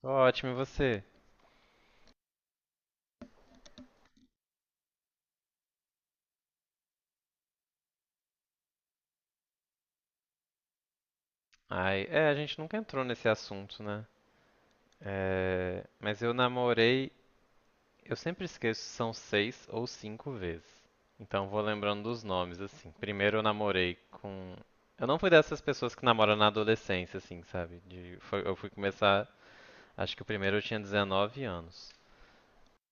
Tô ótimo, e você? Ai, é, a gente nunca entrou nesse assunto, né? É, mas eu namorei, eu sempre esqueço se são seis ou cinco vezes. Então vou lembrando dos nomes, assim. Primeiro eu namorei com. Eu não fui dessas pessoas que namoram na adolescência, assim, sabe? Eu fui começar, acho que o primeiro eu tinha 19 anos.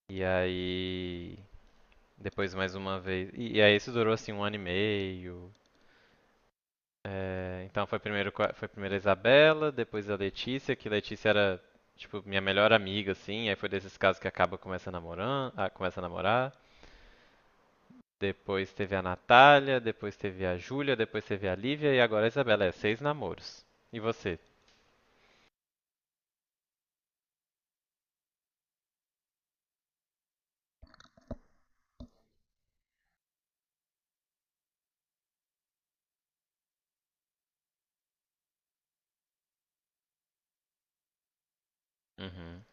E aí. Depois mais uma vez. E aí isso durou assim um ano e meio. É, então foi primeiro a Isabela, depois a Letícia, que Letícia era tipo minha melhor amiga assim, aí foi desses casos que acaba começa a namorar, ah, começa a namorar. Depois teve a Natália, depois teve a Júlia, depois teve a Lívia e agora a Isabela, é seis namoros. E você? Uhum.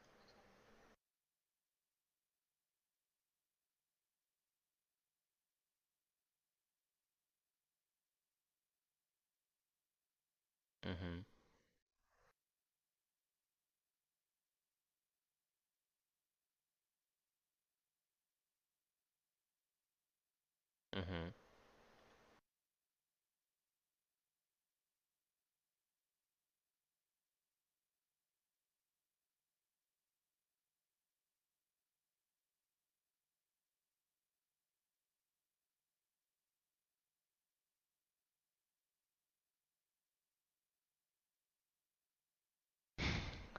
Uhum. Uhum.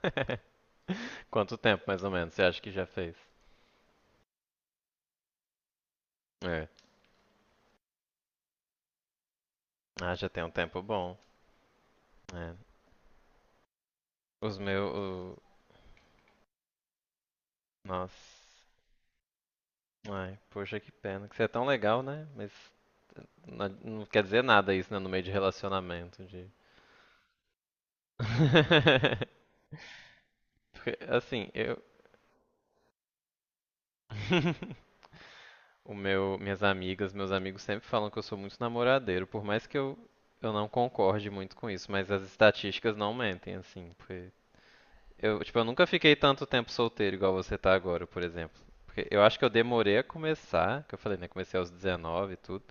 Quanto tempo mais ou menos você acha que já fez? É. Ah, já tem um tempo bom. É. Os meus. Nossa. Ai, poxa, que pena. Que você é tão legal, né? Não, não quer dizer nada isso, né? No meio de relacionamento. De. Porque, assim, eu. O meu, minhas amigas, meus amigos sempre falam que eu sou muito namoradeiro, por mais que eu não concorde muito com isso, mas as estatísticas não mentem, assim, porque eu, tipo, eu nunca fiquei tanto tempo solteiro igual você tá agora, por exemplo. Porque eu acho que eu demorei a começar, que eu falei, né, comecei aos 19 e tudo.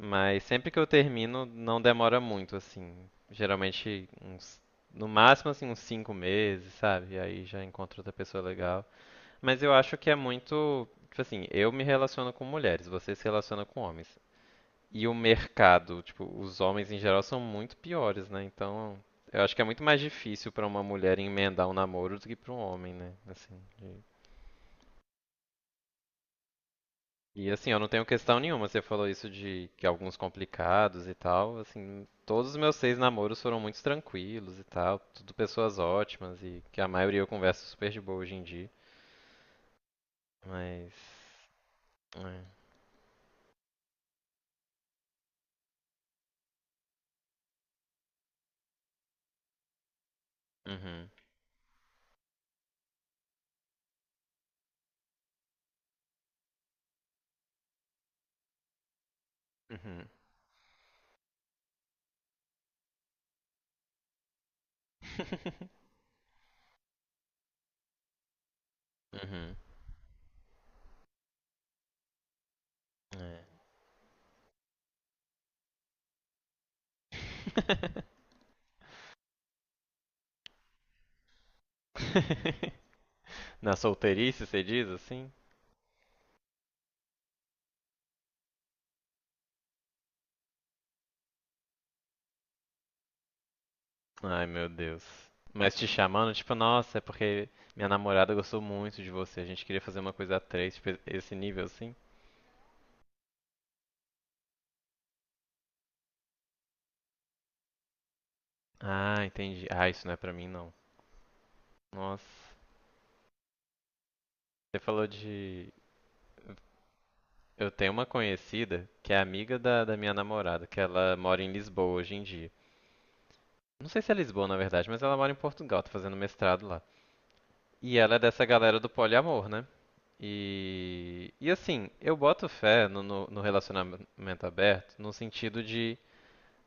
Mas sempre que eu termino, não demora muito, assim. Geralmente uns, no máximo assim uns 5 meses, sabe? E aí já encontro outra pessoa legal. Mas eu acho que é muito, tipo assim, eu me relaciono com mulheres, você se relaciona com homens. E o mercado, tipo, os homens em geral são muito piores, né? Então, eu acho que é muito mais difícil pra uma mulher emendar um namoro do que pra um homem, né? Assim, de. E assim, eu não tenho questão nenhuma. Você falou isso de que alguns complicados e tal. Assim, todos os meus seis namoros foram muito tranquilos e tal. Tudo pessoas ótimas e que a maioria eu converso super de boa hoje em dia. Mas. É. Uhum. Uhum. Uhum. É. Na solteirice, você diz assim? Ai, meu Deus. Mas te chamando, tipo, nossa, é porque minha namorada gostou muito de você. A gente queria fazer uma coisa a três, tipo, esse nível assim. Ah, entendi. Ah, isso não é pra mim, não. Nossa. Você falou de. Eu tenho uma conhecida que é amiga da minha namorada, que ela mora em Lisboa hoje em dia. Não sei se é Lisboa, na verdade, mas ela mora em Portugal, tá fazendo mestrado lá. E ela é dessa galera do poliamor, né? E assim, eu boto fé no relacionamento aberto no sentido de.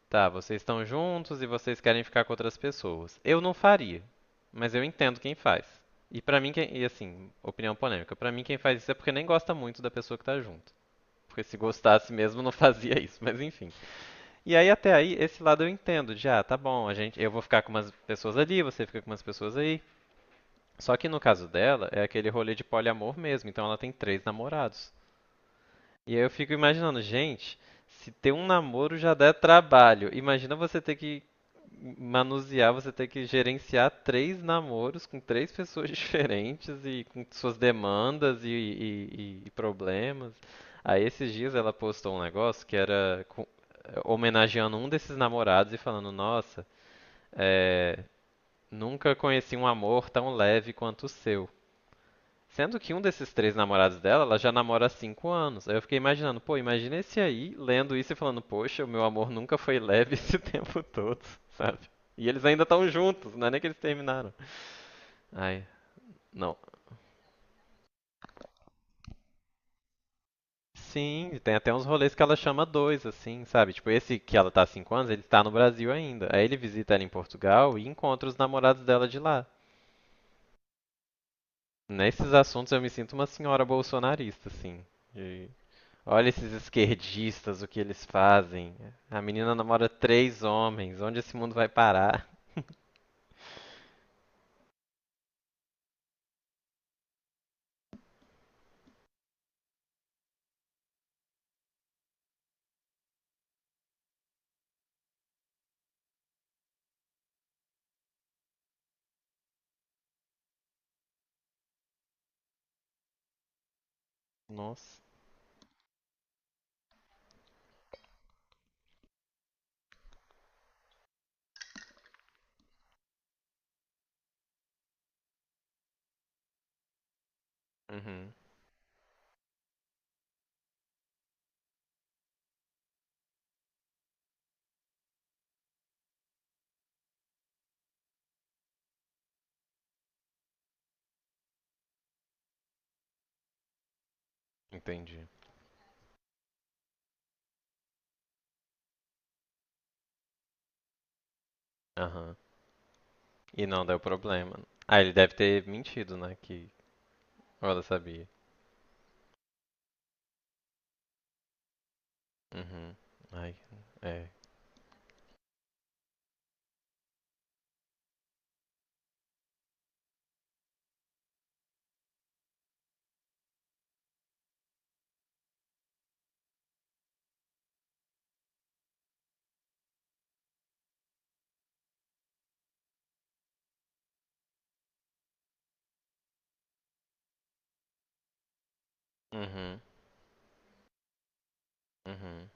Tá, vocês estão juntos e vocês querem ficar com outras pessoas. Eu não faria, mas eu entendo quem faz. E pra mim, quem, e assim, opinião polêmica, pra mim quem faz isso é porque nem gosta muito da pessoa que tá junto. Porque se gostasse mesmo não fazia isso, mas enfim. E aí até aí esse lado eu entendo, de ah, tá bom, a gente, eu vou ficar com umas pessoas ali, você fica com umas pessoas aí. Só que no caso dela é aquele rolê de poliamor mesmo, então ela tem três namorados. E aí eu fico imaginando, gente, se ter um namoro já der trabalho, imagina você ter que manusear, você ter que gerenciar três namoros com três pessoas diferentes e com suas demandas e problemas. Aí esses dias ela postou um negócio que era homenageando um desses namorados e falando, nossa, é, nunca conheci um amor tão leve quanto o seu. Sendo que um desses três namorados dela, ela já namora há 5 anos. Aí eu fiquei imaginando, pô, imagina esse aí lendo isso e falando, poxa, o meu amor nunca foi leve esse tempo todo, sabe? E eles ainda estão juntos, não é nem que eles terminaram. Ai, não. Sim, tem até uns rolês que ela chama dois, assim, sabe? Tipo, esse que ela tá há 5 anos, ele tá no Brasil ainda. Aí ele visita ela em Portugal e encontra os namorados dela de lá. Nesses assuntos eu me sinto uma senhora bolsonarista, assim. De Olha esses esquerdistas, o que eles fazem. A menina namora três homens. Onde esse mundo vai parar? Nossa. Uhum. Entendi. Aham. E não deu problema. Ah, ele deve ter mentido, né? Que Ou ela sabia. Uhum. Ai, é. Uhum. Uhum.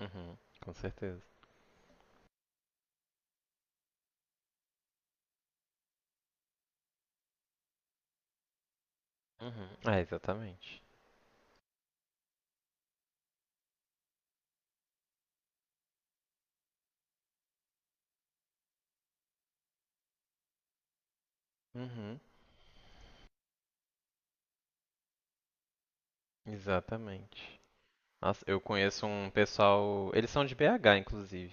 Uhum. Com certeza. Uhum. Ah, exatamente. Uhum. Exatamente. Nossa, eu conheço um pessoal. Eles são de BH, inclusive.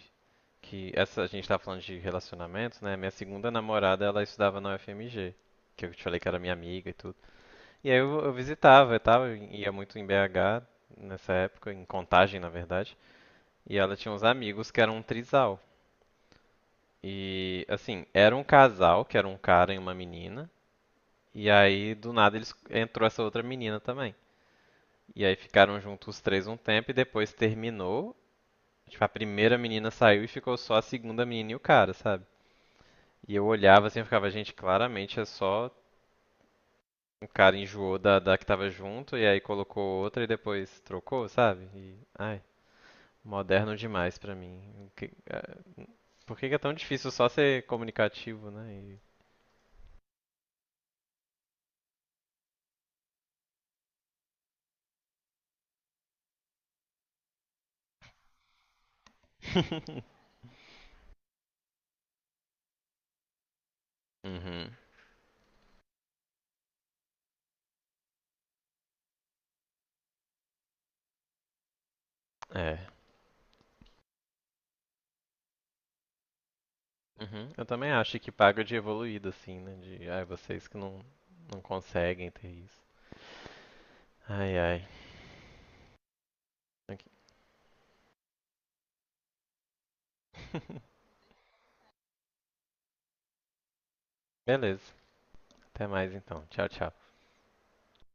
Que essa a gente tá falando de relacionamentos, né? Minha segunda namorada, ela estudava na UFMG, que eu te falei que era minha amiga e tudo. E aí eu, visitava e tal, eu ia muito em BH nessa época, em Contagem, na verdade. E ela tinha uns amigos que eram um trisal. E assim, era um casal, que era um cara e uma menina, e aí do nada eles entrou essa outra menina também. E aí ficaram juntos os três um tempo e depois terminou. Tipo, a primeira menina saiu e ficou só a segunda menina e o cara, sabe? E eu olhava assim e ficava, gente, claramente é só um cara enjoou da que tava junto e aí colocou outra e depois trocou, sabe? E, ai, moderno demais pra mim. Por que que é tão difícil só ser comunicativo, né? Uhum. É. Uhum. Eu também acho que paga de evoluído, assim, né? De, ai, vocês que não, não conseguem ter isso. Ai, ai. Aqui. Beleza. Até mais então. Tchau, tchau.